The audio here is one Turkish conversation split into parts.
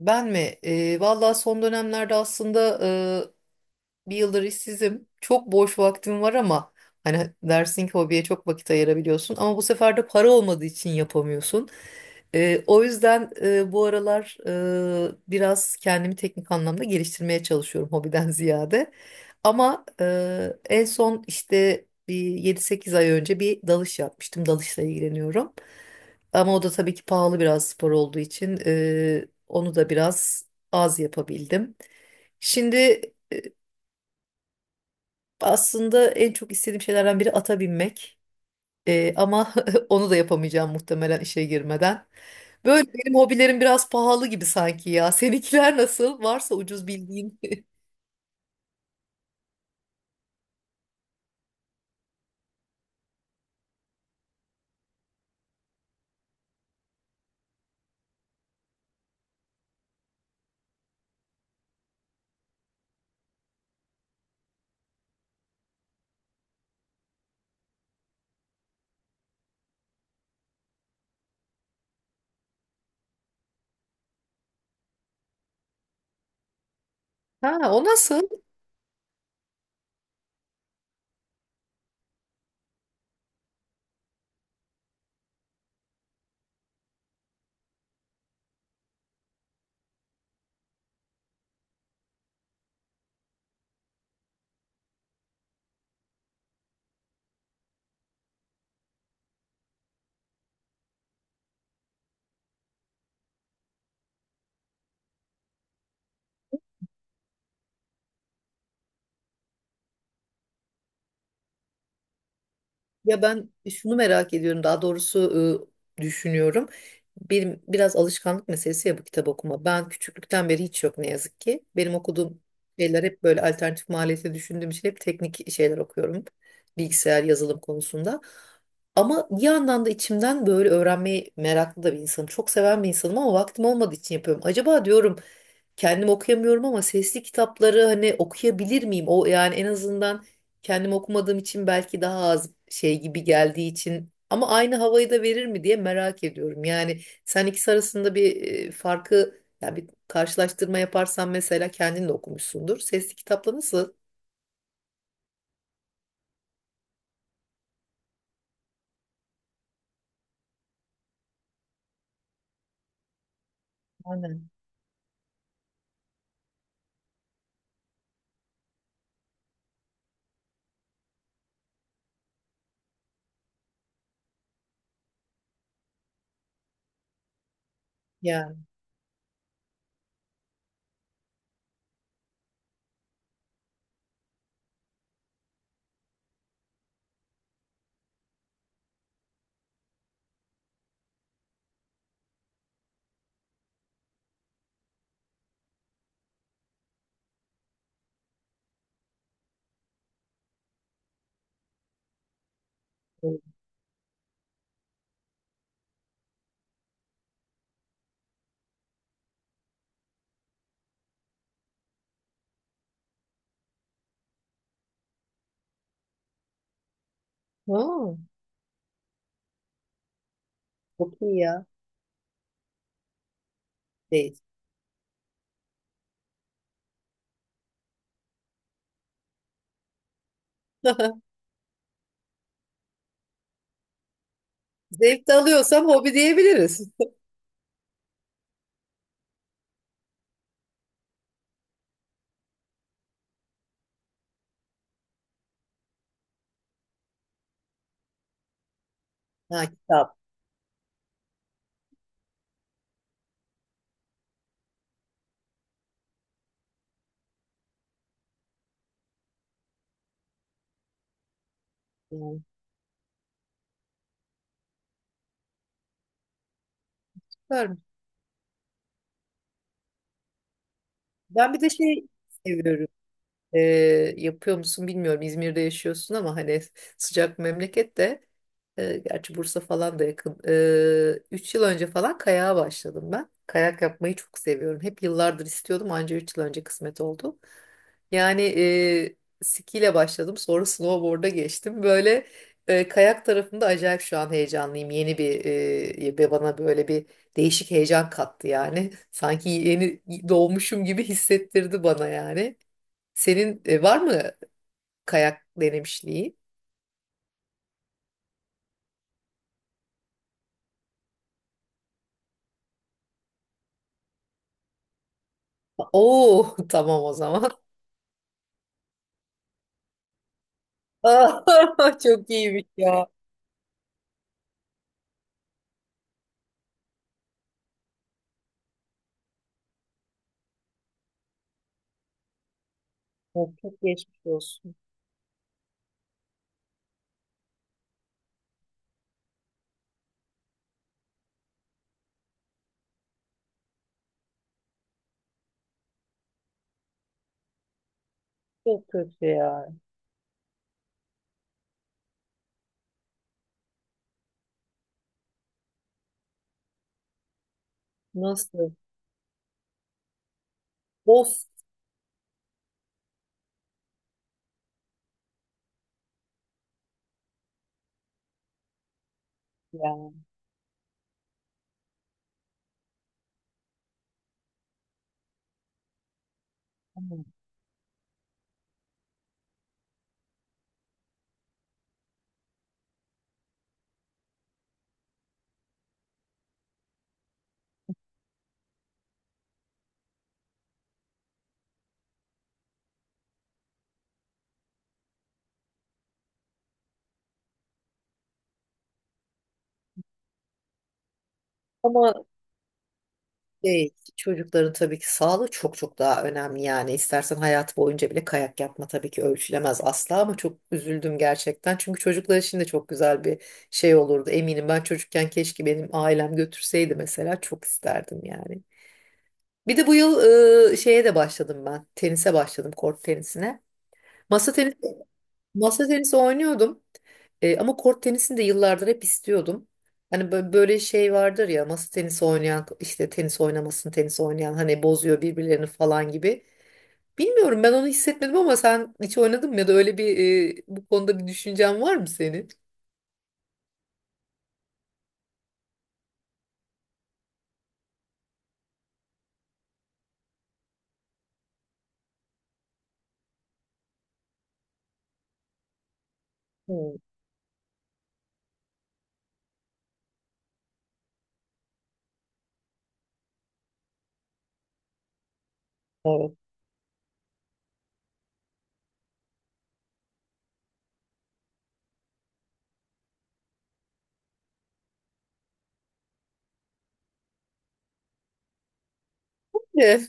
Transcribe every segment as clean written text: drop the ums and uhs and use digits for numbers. Ben mi? Valla son dönemlerde aslında bir yıldır işsizim. Çok boş vaktim var ama hani dersin ki hobiye çok vakit ayırabiliyorsun ama bu sefer de para olmadığı için yapamıyorsun. O yüzden bu aralar biraz kendimi teknik anlamda geliştirmeye çalışıyorum hobiden ziyade. Ama en son işte bir 7-8 ay önce bir dalış yapmıştım. Dalışla ilgileniyorum. Ama o da tabii ki pahalı biraz spor olduğu için onu da biraz az yapabildim. Şimdi aslında en çok istediğim şeylerden biri ata binmek. Ama onu da yapamayacağım muhtemelen işe girmeden. Böyle benim hobilerim biraz pahalı gibi sanki ya. Seninkiler nasıl? Varsa ucuz bildiğin. Ha, o nasıl? Ya ben şunu merak ediyorum, daha doğrusu düşünüyorum. Bir, biraz alışkanlık meselesi ya bu kitap okuma. Ben küçüklükten beri hiç yok ne yazık ki. Benim okuduğum şeyler hep böyle alternatif maliyete düşündüğüm için hep teknik şeyler okuyorum. Bilgisayar, yazılım konusunda. Ama bir yandan da içimden böyle öğrenmeyi meraklı da bir insanım. Çok seven bir insanım ama vaktim olmadığı için yapıyorum. Acaba diyorum kendim okuyamıyorum ama sesli kitapları hani okuyabilir miyim? O yani en azından kendim okumadığım için belki daha az şey gibi geldiği için ama aynı havayı da verir mi diye merak ediyorum. Yani sen ikisi arasında bir farkı yani bir karşılaştırma yaparsan mesela kendin de okumuşsundur. Sesli kitapla nasıl? Aynen. Yani. Evet. Aa, çok iyi ya. Değil. Zevk de alıyorsam hobi diyebiliriz. Ha, kitap. Yani, süpermiş. Ben bir de şey seviyorum. Yapıyor musun bilmiyorum. İzmir'de yaşıyorsun ama hani sıcak memleket de gerçi Bursa falan da yakın. 3 yıl önce falan kayağa başladım ben. Kayak yapmayı çok seviyorum. Hep yıllardır istiyordum anca 3 yıl önce kısmet oldu. Yani skiyle başladım sonra snowboard'a geçtim. Böyle kayak tarafında acayip şu an heyecanlıyım. Yeni bir ve bana böyle bir değişik heyecan kattı yani. Sanki yeni doğmuşum gibi hissettirdi bana yani. Senin var mı kayak denemişliği? Oo tamam o zaman. Aa, çok iyiymiş ya. Ya çok geçmiş olsun. Çok kötü ya. Nasıl? Of ya. Aman. Ama şey, çocukların tabii ki sağlığı çok çok daha önemli yani. İstersen hayat boyunca bile kayak yapma tabii ki ölçülemez asla ama çok üzüldüm gerçekten. Çünkü çocuklar için de çok güzel bir şey olurdu eminim. Ben çocukken keşke benim ailem götürseydi mesela çok isterdim yani. Bir de bu yıl şeye de başladım ben. Tenise başladım, kort tenisine. Masa tenisi masa tenisi oynuyordum. Ama kort tenisini de yıllardır hep istiyordum. Hani böyle şey vardır ya masa tenisi oynayan işte tenis oynamasın tenis oynayan hani bozuyor birbirlerini falan gibi. Bilmiyorum ben onu hissetmedim ama sen hiç oynadın mı ya da öyle bir bu konuda bir düşüncen var mı senin? Hmm, evet. De,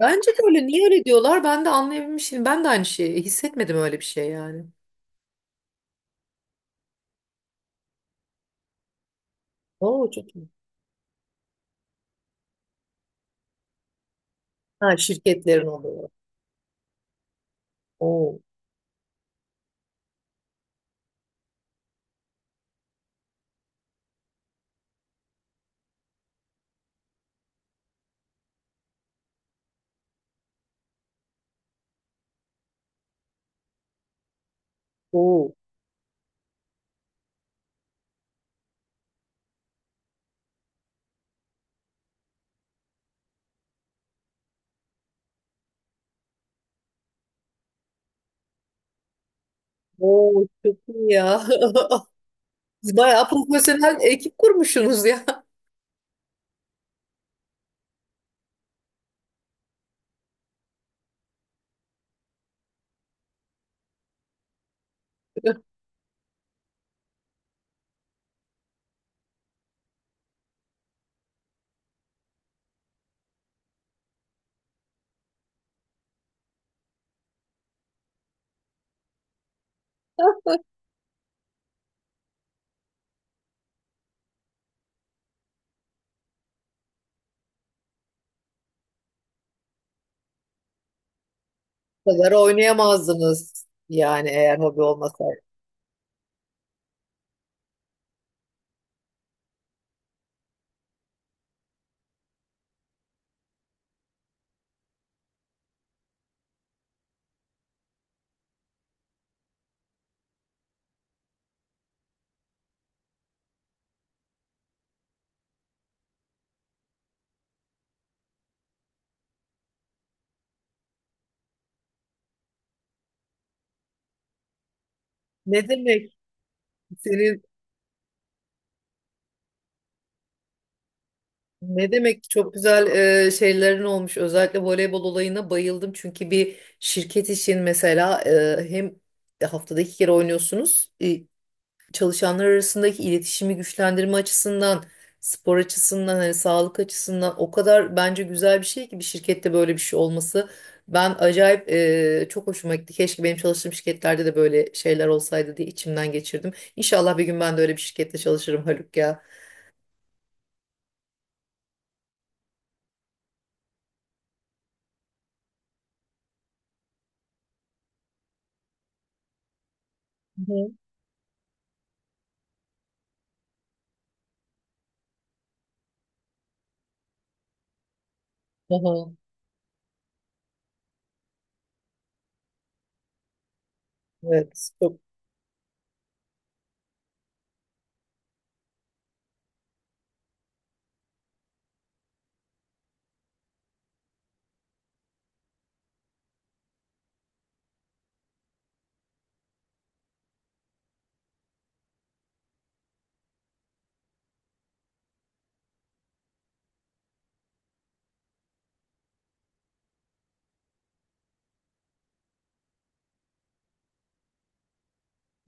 bence de öyle niye öyle diyorlar ben de anlayabilmişim. Ben de aynı şeyi hissetmedim öyle bir şey yani. Oo çok iyi. Ha şirketlerin oluyor. Oo, oo, oo çok iyi ya. Siz bayağı profesyonel ekip kurmuşsunuz ya. Bu kadar oynayamazdınız yani eğer hobi olmasaydı. Ne demek senin ne demek çok güzel şeylerin olmuş. Özellikle voleybol olayına bayıldım. Çünkü bir şirket için mesela hem haftada iki kere oynuyorsunuz. E, çalışanlar arasındaki iletişimi güçlendirme açısından, spor açısından, hani sağlık açısından o kadar bence güzel bir şey ki bir şirkette böyle bir şey olması. Ben acayip çok hoşuma gitti. Keşke benim çalıştığım şirketlerde de böyle şeyler olsaydı diye içimden geçirdim. İnşallah bir gün ben de öyle bir şirkette çalışırım Haluk ya. Hı hı. Hı hı. Evet, çok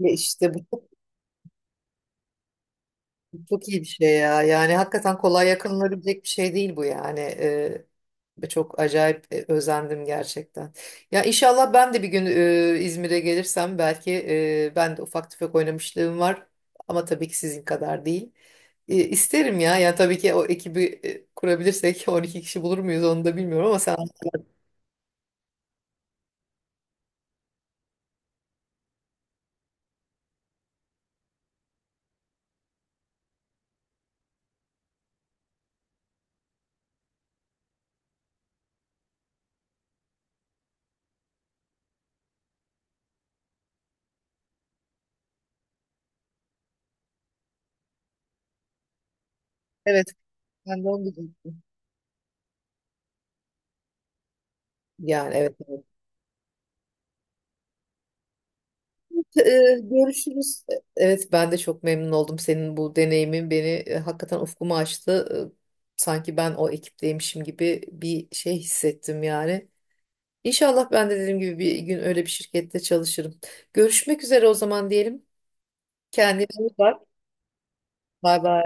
işte bu çok iyi bir şey ya. Yani hakikaten kolay yakınılabilecek bir şey değil bu yani. Ve çok acayip özendim gerçekten. Ya inşallah ben de bir gün İzmir'e gelirsem belki ben de ufak tefek oynamışlığım var. Ama tabii ki sizin kadar değil. E, isterim ya. Yani tabii ki o ekibi kurabilirsek 12 kişi bulur muyuz onu da bilmiyorum ama sen... Evet, ben de onu diyecektim. Yani evet, evet. Ee, Görüşürüz. Evet ben de çok memnun oldum. Senin bu deneyimin beni hakikaten ufkumu açtı. Sanki ben o ekipteymişim gibi bir şey hissettim yani. İnşallah ben de dediğim gibi bir gün öyle bir şirkette çalışırım. Görüşmek üzere o zaman diyelim. Kendine iyi bak. Bay bay.